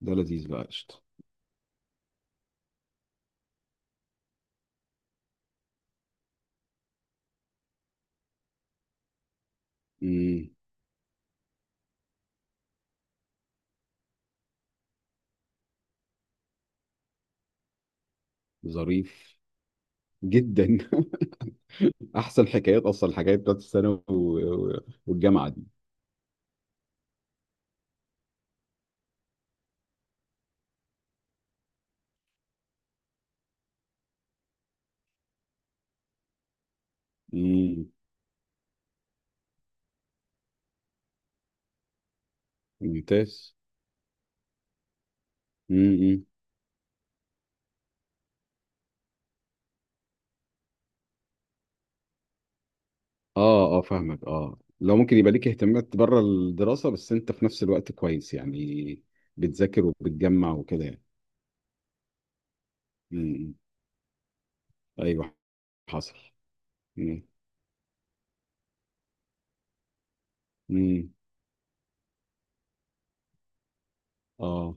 ده لذيذ بقى، قشطة. امم. ظريف جدا. احسن حكايات، اصلا الحكايات بتاعت الثانوي والجامعه دي. امم. ممتاز. امم. اه، اه، فاهمك. اه، لو ممكن يبقى ليك اهتمامات بره الدراسه، بس انت في نفس الوقت كويس يعني بتذاكر وبتجمع وكده يعني. امم. ايوه، حصل. امم، امم. اه،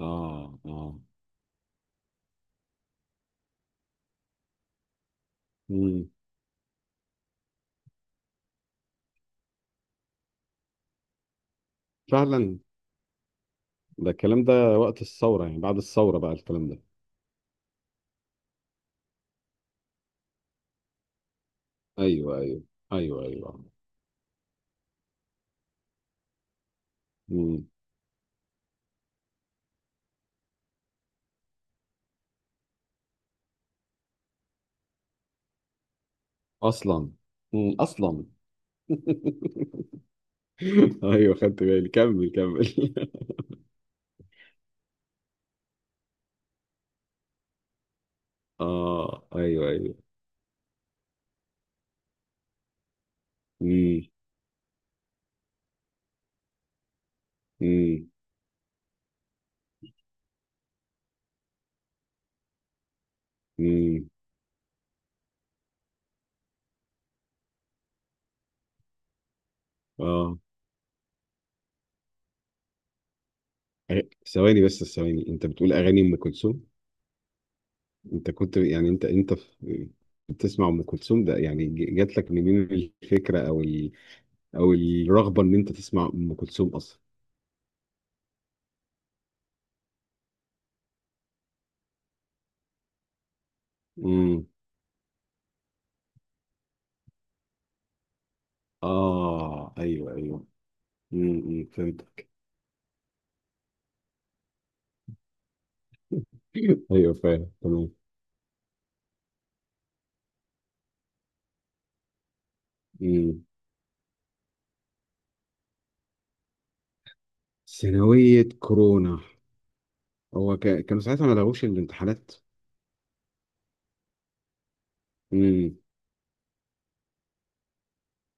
اه، اه. امم. فعلا. ده الكلام ده وقت الثوره، يعني بعد الثوره بقى الكلام ده؟ ايوه، ايوه. ايوه، ايوه. مم. اصلا. مم. اصلا. ايوه، خدت بالي، كمل كمل اه، ايوه، ايوه. امم، امم، امم، اه. أي- ثواني بس، ثواني، انت بتقول اغاني ام كلثوم؟ انت كنت، يعني، انت في بتسمع ام كلثوم ده؟ يعني جات لك منين الفكره، او او الرغبه ان انت تسمع ام كلثوم اصلا؟ امم. اه، ايوه، ايوه. امم. فهمتك. ايوه، فاهم. تمام. ثانوية كورونا؟ هو كانوا ساعتها ما لغوش الامتحانات؟ امم.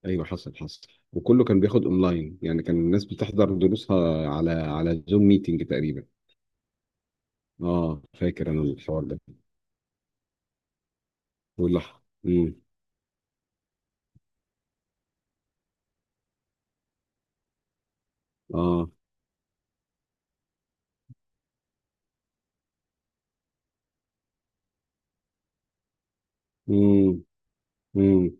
ايوه، حصل، حصل. وكله كان بياخد اونلاين، يعني كان الناس بتحضر دروسها على زوم ميتنج تقريبا. اه، فاكر انا الحوار ده. واللي. امم. اه. امم، امم.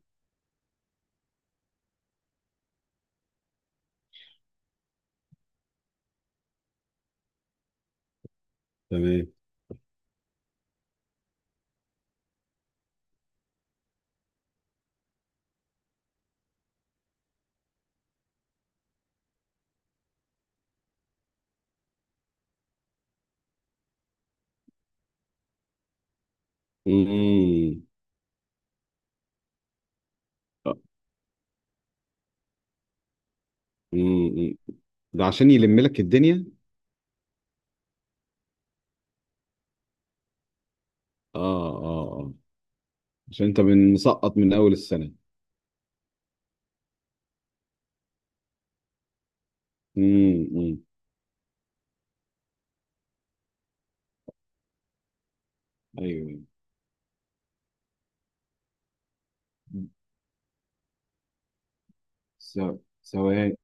تمام. امم، امم. ده عشان يلم لك الدنيا؟ اه، اه، اه. عشان انت من مسقط من اول السنة. امم، امم. ايوه. ثواني،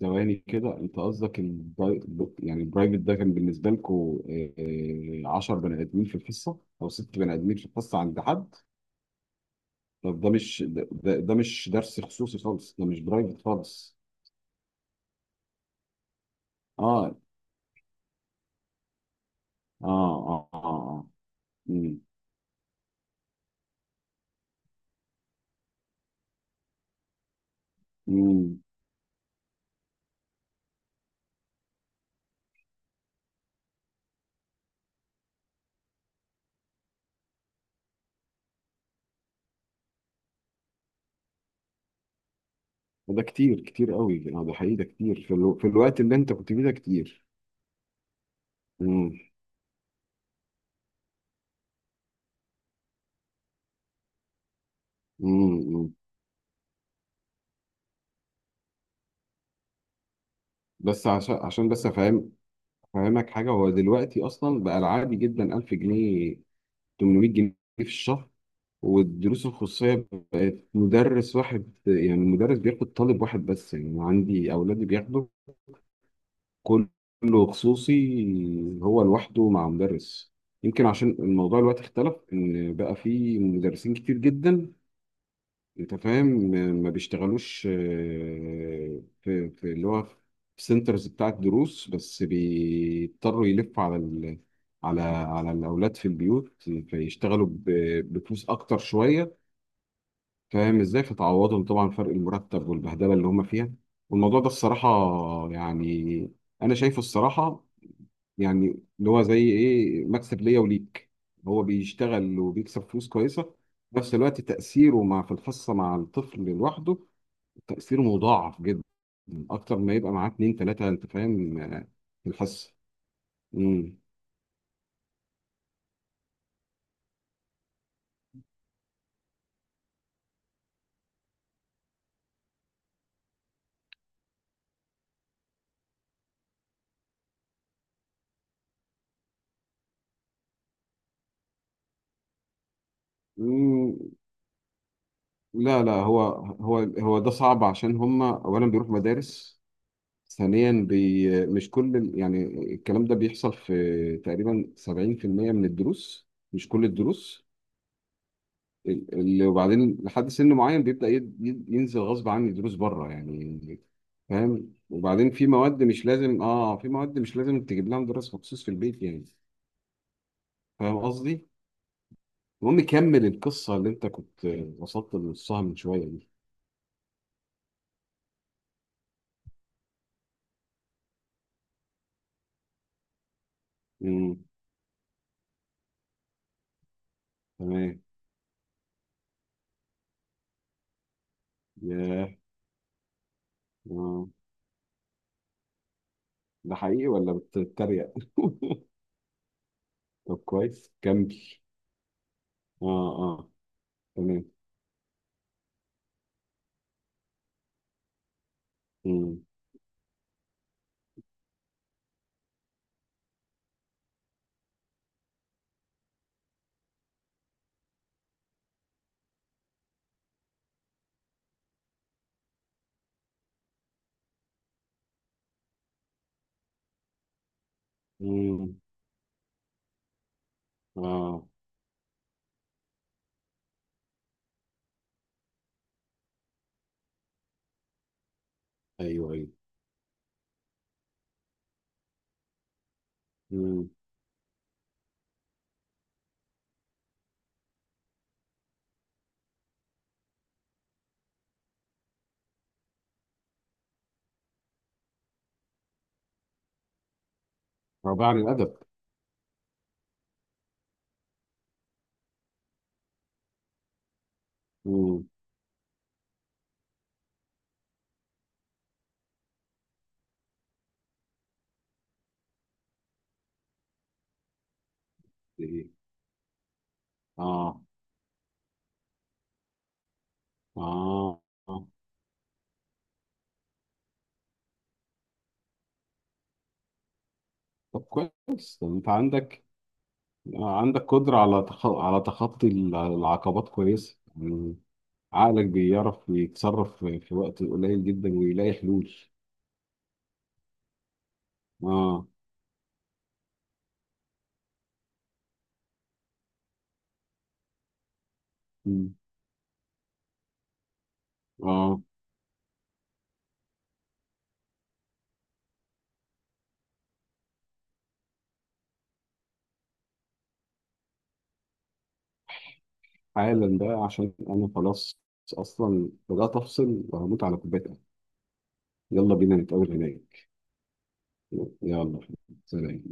ثواني كده، انت قصدك يعني البرايفت ده كان بالنسبه لكم 10 بني ادمين في الحصه، او ست بني ادمين في الحصه عند حد؟ طب ده مش ده، ده مش درس خصوصي خالص، ده مش برايفت خالص. اه، اه، اه، اه، آه. امم، امم. ده كتير، كتير قوي. اه، ده حقيقي. ده كتير في الوقت اللي انت كنت فيه ده كتير. امم، امم. بس عشان بس افهم، افهمك حاجه. هو دلوقتي اصلا بقى العادي جدا 1000 جنيه، 800 جنيه في الشهر. والدروس الخصوصية بقت مدرس واحد، يعني المدرس بياخد طالب واحد بس، يعني أنا عندي أولادي بياخدوا كله خصوصي، هو لوحده مع مدرس. يمكن عشان الموضوع الوقت اختلف، إن بقى في مدرسين كتير جدا. أنت فاهم، ما بيشتغلوش في اللي هو في سنترز بتاعة دروس، بس بيضطروا يلفوا على ال على على الأولاد في البيوت، فيشتغلوا بفلوس أكتر شوية. فاهم ازاي؟ فتعوضهم طبعا فرق المرتب والبهدله اللي هم فيها. والموضوع ده الصراحه، يعني، انا شايفه الصراحه، يعني اللي هو زي ايه، مكسب ليا وليك. هو بيشتغل وبيكسب فلوس كويسه، في نفس الوقت تاثيره في الحصه مع الطفل لوحده، تاثيره مضاعف جدا، اكتر ما يبقى معاه اتنين تلاته. انت فاهم في الحصه. امم. أمم، لا، لا، هو هو ده صعب، عشان هم اولا بيروحوا مدارس، ثانيا مش كل يعني الكلام ده بيحصل في تقريبا 70% من الدروس، مش كل الدروس. ال- وبعدين لحد سن معين بيبدأ ينزل غصب عني دروس بره يعني. فاهم، وبعدين في مواد مش لازم تجيب لها مدرس مخصوص في البيت يعني. فاهم قصدي؟ المهم، كمل القصة اللي انت كنت وصلت لنصها من شوية دي. امم. تمام. ياه. آه. ده حقيقي ولا بتتريق؟ طب كويس، كمل. اه، اه، تمام. مم. مم. اه، ايوه، ايوه. مم. رباعي عن الادب؟ مم. إيه. اه، اه، آه. طب كويس. طب انت عندك، عندك قدرة على تخطي العقبات كويس يعني. عقلك بيعرف يتصرف في وقت قليل جدا ويلاقي حلول. اه. مم. اه. حالا بقى، عشان انا خلاص، اصلا بدأت افصل وهموت على كوبايه قهوة. يلا بينا نتقابل هناك. يلا. سلام.